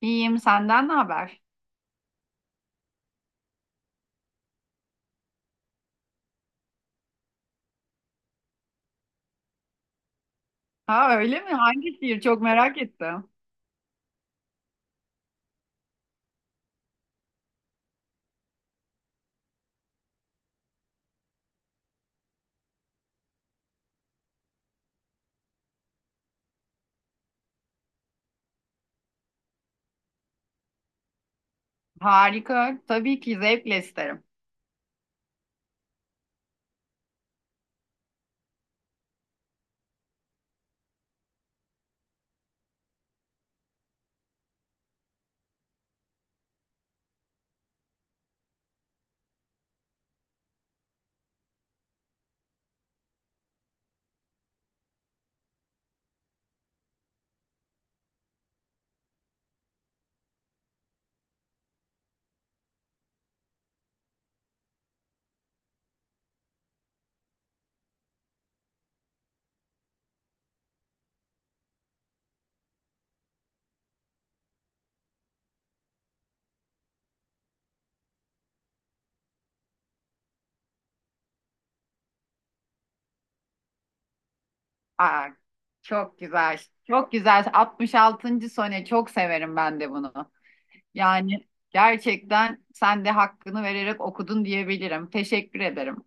İyiyim, senden ne haber? Ha öyle mi? Hangi şiir? Çok merak ettim. Harika. Tabii ki zevkle isterim. Aa, Çok güzel. Çok güzel. 66. sone çok severim ben de bunu. Yani gerçekten sen de hakkını vererek okudun diyebilirim. Teşekkür ederim.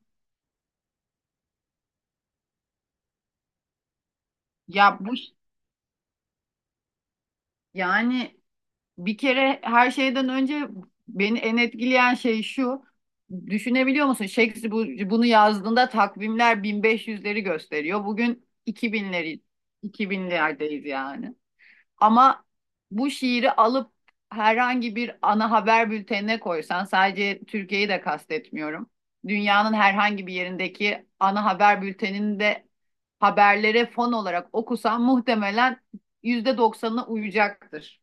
Ya bu, yani, bir kere her şeyden önce beni en etkileyen şey şu. Düşünebiliyor musun? Shakespeare bunu yazdığında takvimler 1500'leri gösteriyor. Bugün 2000'lerdeyiz yani. Ama bu şiiri alıp herhangi bir ana haber bültenine koysan, sadece Türkiye'yi de kastetmiyorum. Dünyanın herhangi bir yerindeki ana haber bülteninde haberlere fon olarak okusan muhtemelen %90'ına uyacaktır.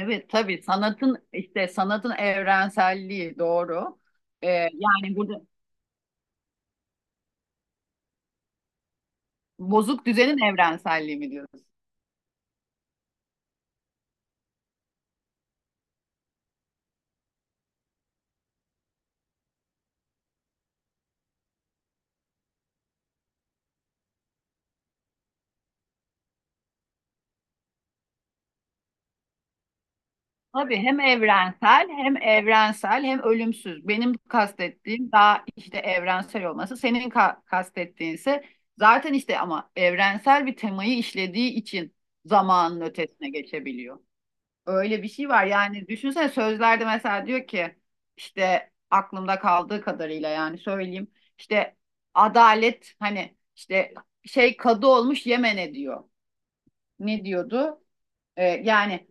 Evet, tabii sanatın, işte sanatın evrenselliği, doğru. Ee, Yani burada bozuk düzenin evrenselliği mi diyoruz? Tabii, hem evrensel, hem evrensel hem ölümsüz. Benim kastettiğim daha işte evrensel olması. Senin kastettiğin ise zaten işte, ama evrensel bir temayı işlediği için zamanın ötesine geçebiliyor. Öyle bir şey var. Yani düşünsene, sözlerde mesela diyor ki, işte aklımda kaldığı kadarıyla yani söyleyeyim. İşte adalet, hani işte şey, kadı olmuş Yemen'e diyor. Ne diyordu? Yani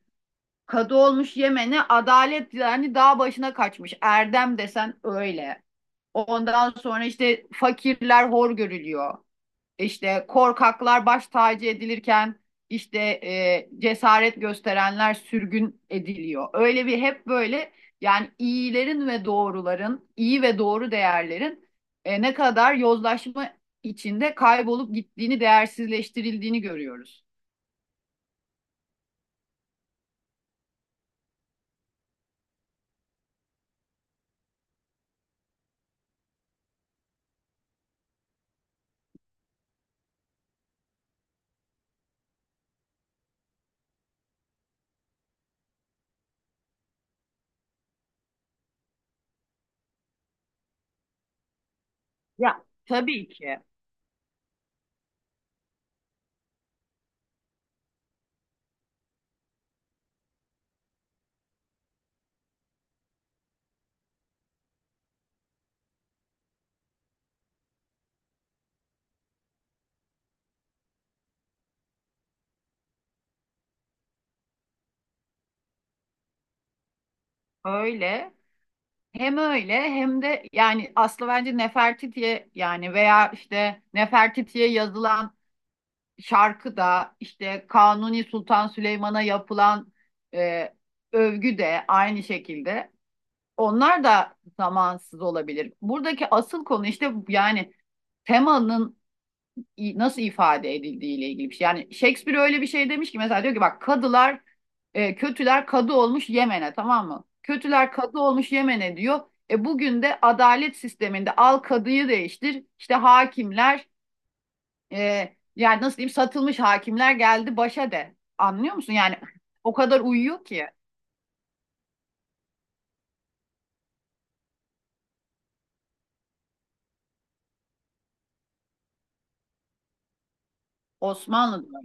kadı olmuş Yemen'e, adalet yani dağ başına kaçmış. Erdem desen öyle. Ondan sonra işte fakirler hor görülüyor. İşte korkaklar baş tacı edilirken, işte cesaret gösterenler sürgün ediliyor. Öyle bir, hep böyle yani iyilerin ve doğruların, iyi ve doğru değerlerin ne kadar yozlaşma içinde kaybolup gittiğini, değersizleştirildiğini görüyoruz. Ya tabii ki öyle. Hem öyle, hem de yani aslı bence Nefertiti'ye, yani veya işte Nefertiti'ye yazılan şarkı da, işte Kanuni Sultan Süleyman'a yapılan e, övgü de aynı şekilde. Onlar da zamansız olabilir. Buradaki asıl konu işte yani temanın nasıl ifade edildiği ile ilgili bir şey. Yani Shakespeare öyle bir şey demiş ki, mesela diyor ki bak, kadılar, kötüler kadı olmuş Yemen'e, tamam mı? Kötüler kadı olmuş Yemen'e diyor. E bugün de adalet sisteminde al kadıyı değiştir. İşte hakimler, yani nasıl diyeyim, satılmış hakimler geldi başa de. Anlıyor musun? Yani o kadar uyuyor ki. Osmanlı'da.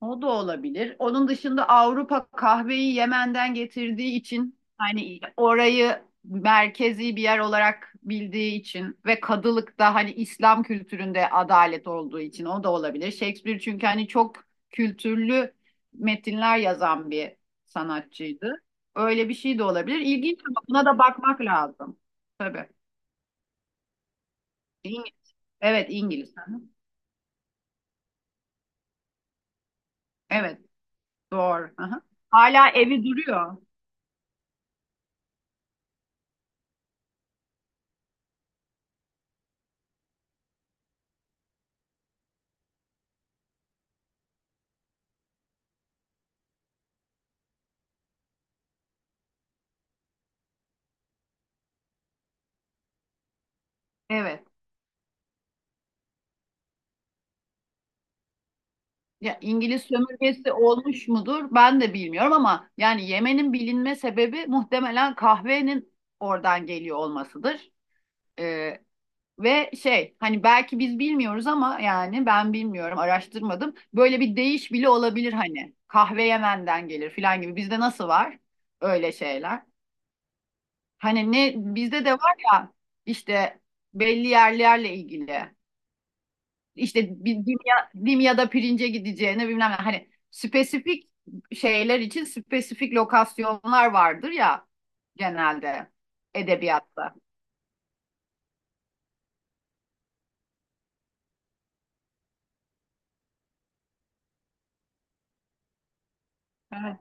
O da olabilir. Onun dışında Avrupa kahveyi Yemen'den getirdiği için, hani orayı merkezi bir yer olarak bildiği için ve kadılık da hani İslam kültüründe adalet olduğu için, o da olabilir. Shakespeare çünkü hani çok kültürlü metinler yazan bir sanatçıydı. Öyle bir şey de olabilir. İlginç, ama buna da bakmak lazım. Tabii. İng- evet, İngiliz. Hı hı. Evet, doğru. Hı hı. Hala evi duruyor. Evet. Ya İngiliz sömürgesi olmuş mudur? Ben de bilmiyorum, ama yani yemenin bilinme sebebi muhtemelen kahvenin oradan geliyor olmasıdır. Ee, Ve şey, hani belki biz bilmiyoruz, ama yani ben bilmiyorum, araştırmadım. Böyle bir deyiş bile olabilir, hani kahve Yemen'den gelir filan gibi. Bizde nasıl var öyle şeyler? Hani ne, bizde de var ya işte, belli yerlerle ilgili. İşte bir Dimya, Dimya'da pirince gideceğine bilmem ne. Hani spesifik şeyler için spesifik lokasyonlar vardır ya, genelde edebiyatta. Evet.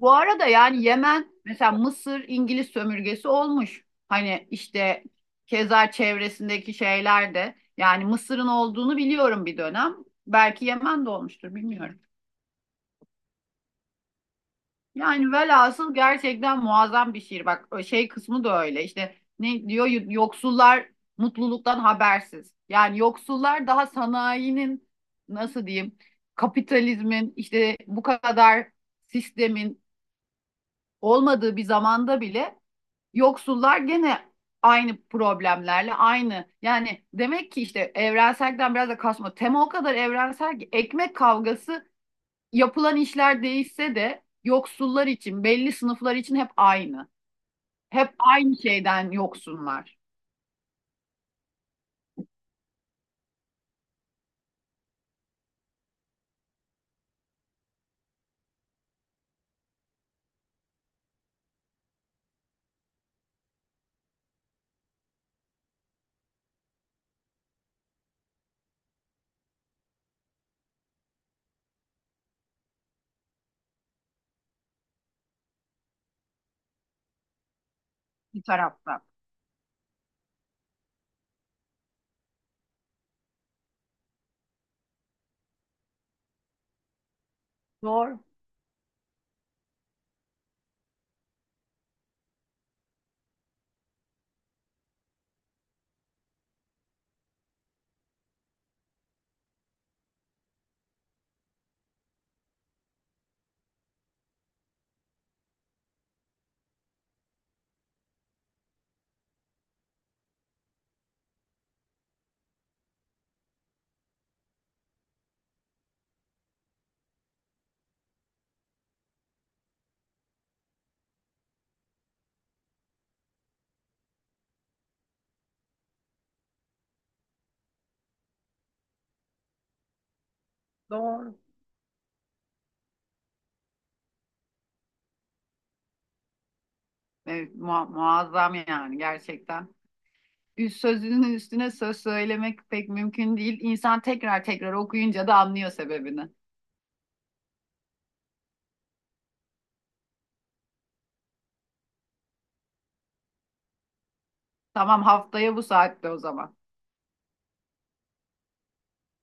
Bu arada yani Yemen, mesela Mısır İngiliz sömürgesi olmuş. Hani işte keza çevresindeki şeyler de, yani Mısır'ın olduğunu biliyorum bir dönem. Belki Yemen de olmuştur, bilmiyorum. Yani velhasıl gerçekten muazzam bir şiir. Bak, o şey kısmı da öyle. İşte ne diyor, yoksullar mutluluktan habersiz. Yani yoksullar, daha sanayinin, nasıl diyeyim, kapitalizmin işte bu kadar, sistemin olmadığı bir zamanda bile, yoksullar gene aynı problemlerle aynı. Yani demek ki işte evrenselden biraz da kasma. Tema o kadar evrensel ki, ekmek kavgası yapılan işler değişse de yoksullar için, belli sınıflar için hep aynı. Hep aynı şeyden yoksunlar bir tarafta. Doğru, doğru. Evet, muazzam yani gerçekten. Üst sözünün üstüne söz söylemek pek mümkün değil. İnsan tekrar tekrar okuyunca da anlıyor sebebini. Tamam, haftaya bu saatte o zaman.